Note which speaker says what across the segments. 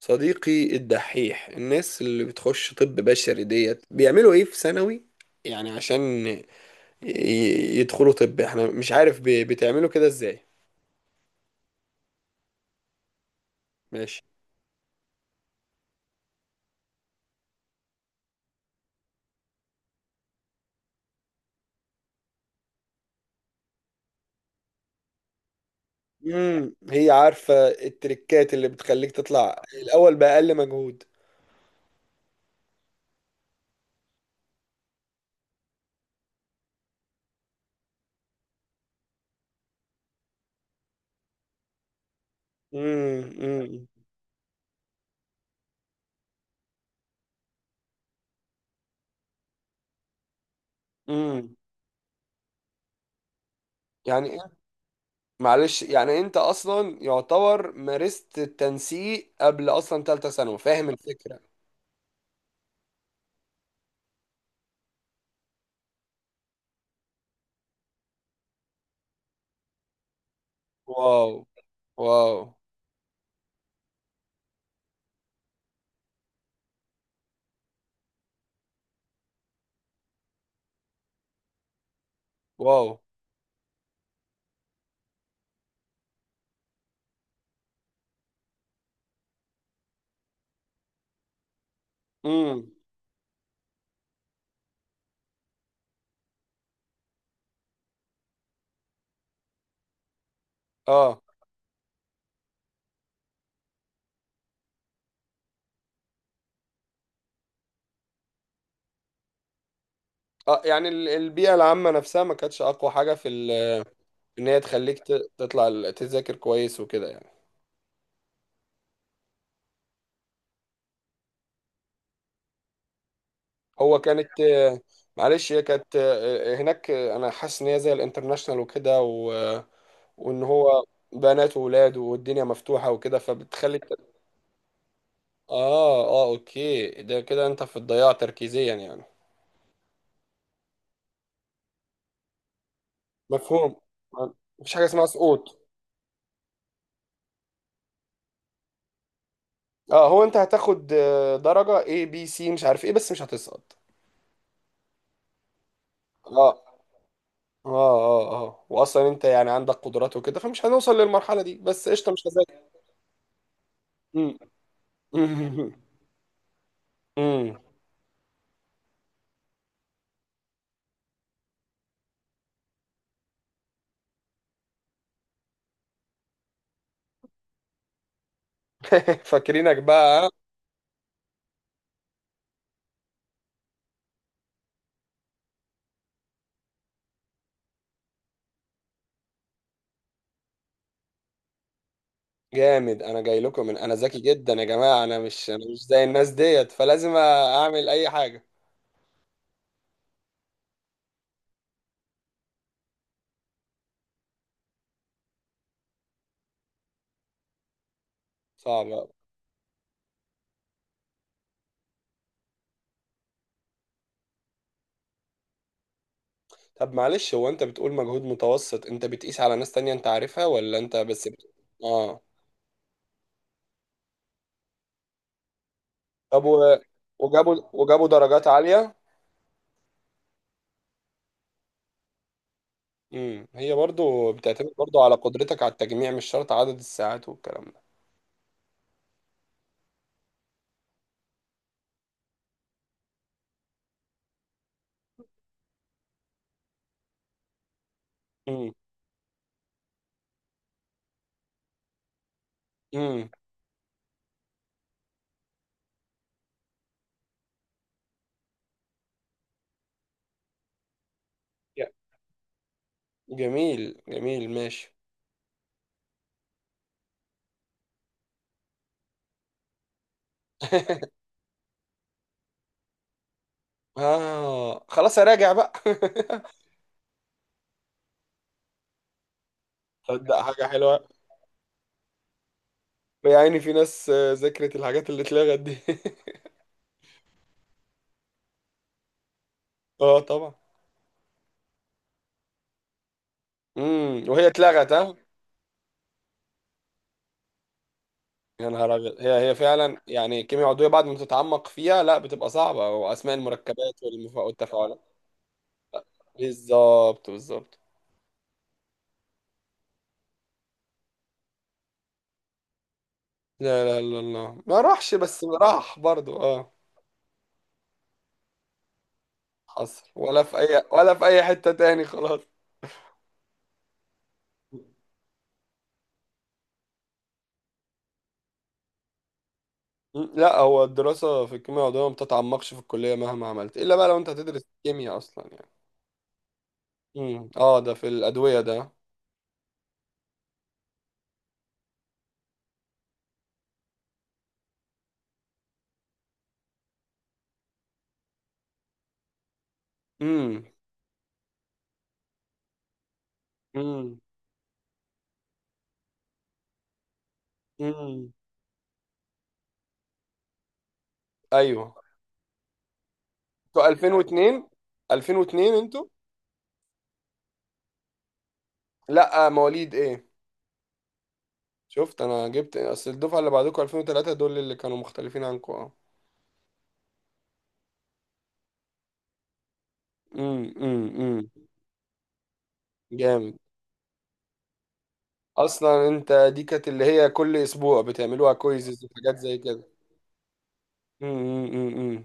Speaker 1: صديقي الدحيح، الناس اللي بتخش طب بشري ديت بيعملوا ايه في ثانوي؟ يعني عشان يدخلوا طب، احنا مش عارف بتعملوا كده ازاي؟ ماشي. هي عارفة التريكات اللي بتخليك تطلع الاول بأقل مجهود؟ امم امم امم. يعني معلش، يعني انت اصلا يعتبر مارست التنسيق قبل اصلا تالتة ثانوي، فاهم الفكرة؟ واو واو واو. امم. اه اه. يعني البيئة العامة نفسها ما كانتش أقوى حاجة إن هي تخليك تطلع تذاكر كويس وكده يعني. هو كانت آه، معلش، هي كانت هناك أنا حاسس إن هي زي الانترناشنال وكده وإن هو بنات وولاد والدنيا مفتوحة وكده فبتخلي. آه آه أوكي، ده كده أنت في الضياع تركيزيا يعني. مفهوم. مفيش حاجة اسمها سقوط؟ اه، هو أنت هتاخد درجة A B C مش عارف إيه بس مش هتسقط. اه اه اه اه، واصلا انت يعني عندك قدرات وكده فمش هنوصل للمرحله دي، بس قشطه مش هذاكر. أمم. أمم. أمم. فاكرينك بقى. جامد. انا جاي لكم من انا ذكي جدا يا جماعه، انا مش زي الناس ديت فلازم اعمل اي حاجه. صعبه. طب معلش، هو انت بتقول مجهود متوسط، انت بتقيس على ناس تانية انت عارفها ولا انت بس اه. طب وجابوا درجات عاليه؟ هي برضو بتعتمد برضو على قدرتك على التجميع، مش شرط عدد الساعات والكلام ده. امم. جميل جميل، ماشي. اه، خلاص اراجع بقى. صدق حاجة حلوة. يعني في ناس ذاكرت الحاجات اللي اتلغت دي؟ اه طبعا. وهي اتلغت ها؟ يا نهار ابيض، هي فعلا يعني كيمياء عضوية بعد ما تتعمق فيها لا بتبقى صعبة، واسماء المركبات والتفاعلات. بالظبط بالظبط. لا لا لا، الله ما راحش، بس راح برضو اه. حصل ولا في اي ولا في اي حتة تاني، خلاص. مم. لا، هو الدراسة في الكيمياء العضوية ما بتتعمقش في الكلية مهما عملت، إلا بقى لو أنت هتدرس كيمياء أصلا يعني. اه، ده في الأدوية ده. امم امم امم. أيوه. أنتوا 2002؟ 2002 أنتوا؟ لا، مواليد إيه؟ شفت؟ أنا جبت أصل الدفعة اللي بعدكم 2003، دول اللي كانوا مختلفين عنكم، اه. امم. جامد. أصلا أنت دي كانت اللي هي كل أسبوع بتعملوها كويزز وحاجات زي كده؟ امم.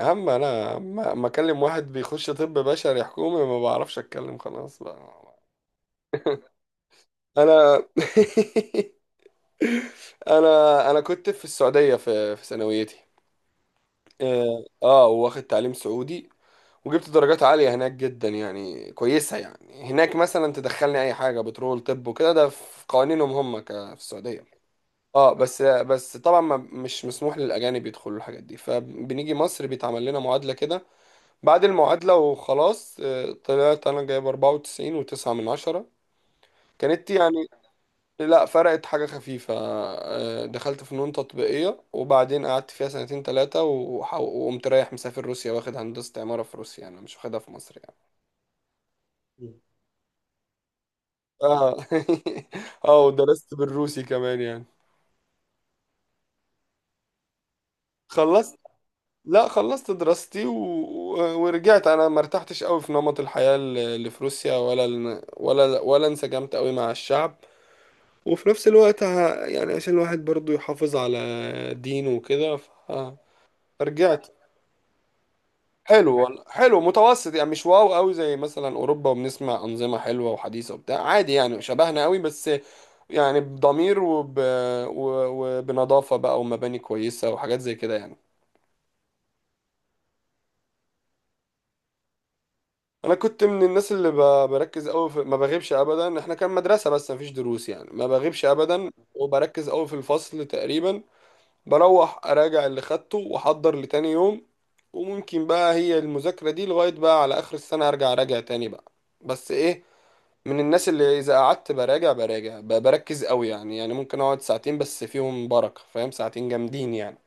Speaker 1: يا عم، انا ما اكلم واحد بيخش طب بشري حكومي، ما بعرفش اتكلم خلاص بقى. انا. انا كنت في السعودية في ثانويتي. اه واخد تعليم سعودي. وجبت درجات عالية هناك جدا يعني كويسة، يعني هناك مثلا تدخلني اي حاجة بترول طب وكده، ده في قوانينهم هم في السعودية. اه بس بس، طبعا ما مش مسموح للاجانب يدخلوا الحاجات دي، فبنيجي مصر بيتعمل لنا معادلة كده. بعد المعادلة وخلاص طلعت أنا جايب 94.9 من 10. كانت يعني. لا فرقت حاجة خفيفة دخلت فنون تطبيقية، وبعدين قعدت فيها سنتين تلاتة وقمت رايح مسافر روسيا، واخد هندسة عمارة في روسيا، أنا مش واخدها في مصر يعني. اه. اه ودرست بالروسي كمان يعني. خلصت. لا خلصت دراستي ورجعت، انا ما ارتحتش قوي في نمط الحياة اللي في روسيا، ولا انسجمت قوي مع الشعب. وفي نفس الوقت يعني عشان الواحد برضو يحافظ على دينه وكده. فرجعت. حلو والله، حلو متوسط يعني، مش واو قوي زي مثلا اوروبا، وبنسمع انظمه حلوه وحديثه وبتاع، عادي يعني شبهنا قوي بس. يعني بضمير وبنظافه بقى، ومباني كويسه وحاجات زي كده يعني. انا كنت من الناس اللي بركز قوي ما بغيبش ابدا، احنا كان مدرسه بس ما فيش دروس يعني، ما بغيبش ابدا وبركز قوي في الفصل تقريبا. بروح اراجع اللي خدته واحضر لتاني يوم، وممكن بقى هي المذاكرة دي لغاية بقى على اخر السنة، ارجع اراجع تاني بقى. بس ايه، من الناس اللي اذا قعدت براجع بركز قوي يعني، يعني ممكن اقعد ساعتين بس فيهم بركة، فاهم؟ ساعتين جامدين يعني.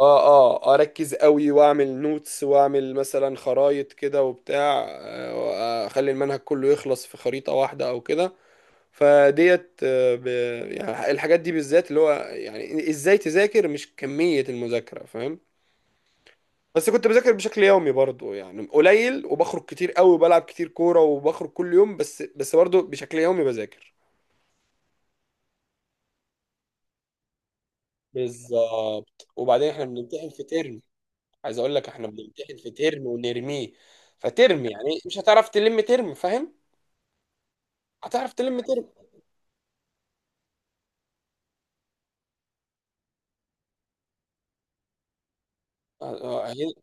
Speaker 1: اه اه، اركز قوي واعمل نوتس، واعمل مثلا خرايط كده وبتاع اخلي المنهج كله يخلص في خريطة واحدة او كده. فديت آه، ب... يعني الحاجات دي بالذات، اللي هو يعني ازاي تذاكر مش كمية المذاكرة، فاهم؟ بس كنت بذاكر بشكل يومي برضو يعني، قليل، وبخرج كتير قوي وبلعب كتير كورة وبخرج كل يوم، بس بس برضو بشكل يومي بذاكر. بالظبط، وبعدين احنا بنمتحن في ترم. عايز اقول لك، احنا بنمتحن في ترم ونرميه، فترم يعني مش هتعرف تلم ترم، فاهم؟ هتعرف تلم ترم.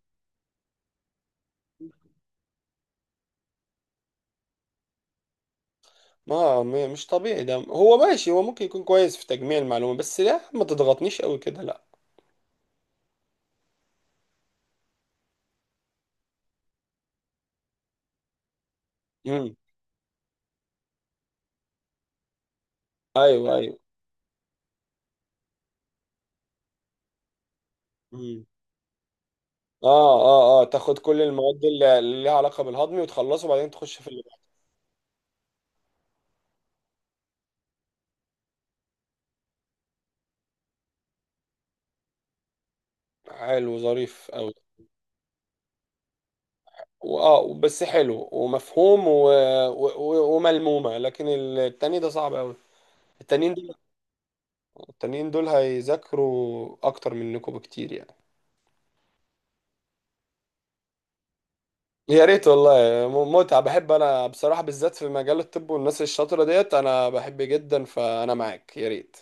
Speaker 1: مش طبيعي ده، هو ماشي، هو ممكن يكون كويس في تجميع المعلومات، بس لا ما تضغطنيش قوي كده لا. امم. ايوه ايوه. امم. اه اه اه، تاخد كل المواد اللي ليها علاقه بالهضم وتخلصه، وبعدين تخش في اللي بعده. حلو ظريف قوي. واه، بس حلو ومفهوم وملمومه، لكن التاني ده صعب قوي. التانيين دول التانيين دول هيذاكروا اكتر منكم بكتير يعني. يا ريت والله. متعة، بحب انا بصراحة بالذات في مجال الطب والناس الشاطرة ديت انا بحب جدا، فانا معاك يا ريت.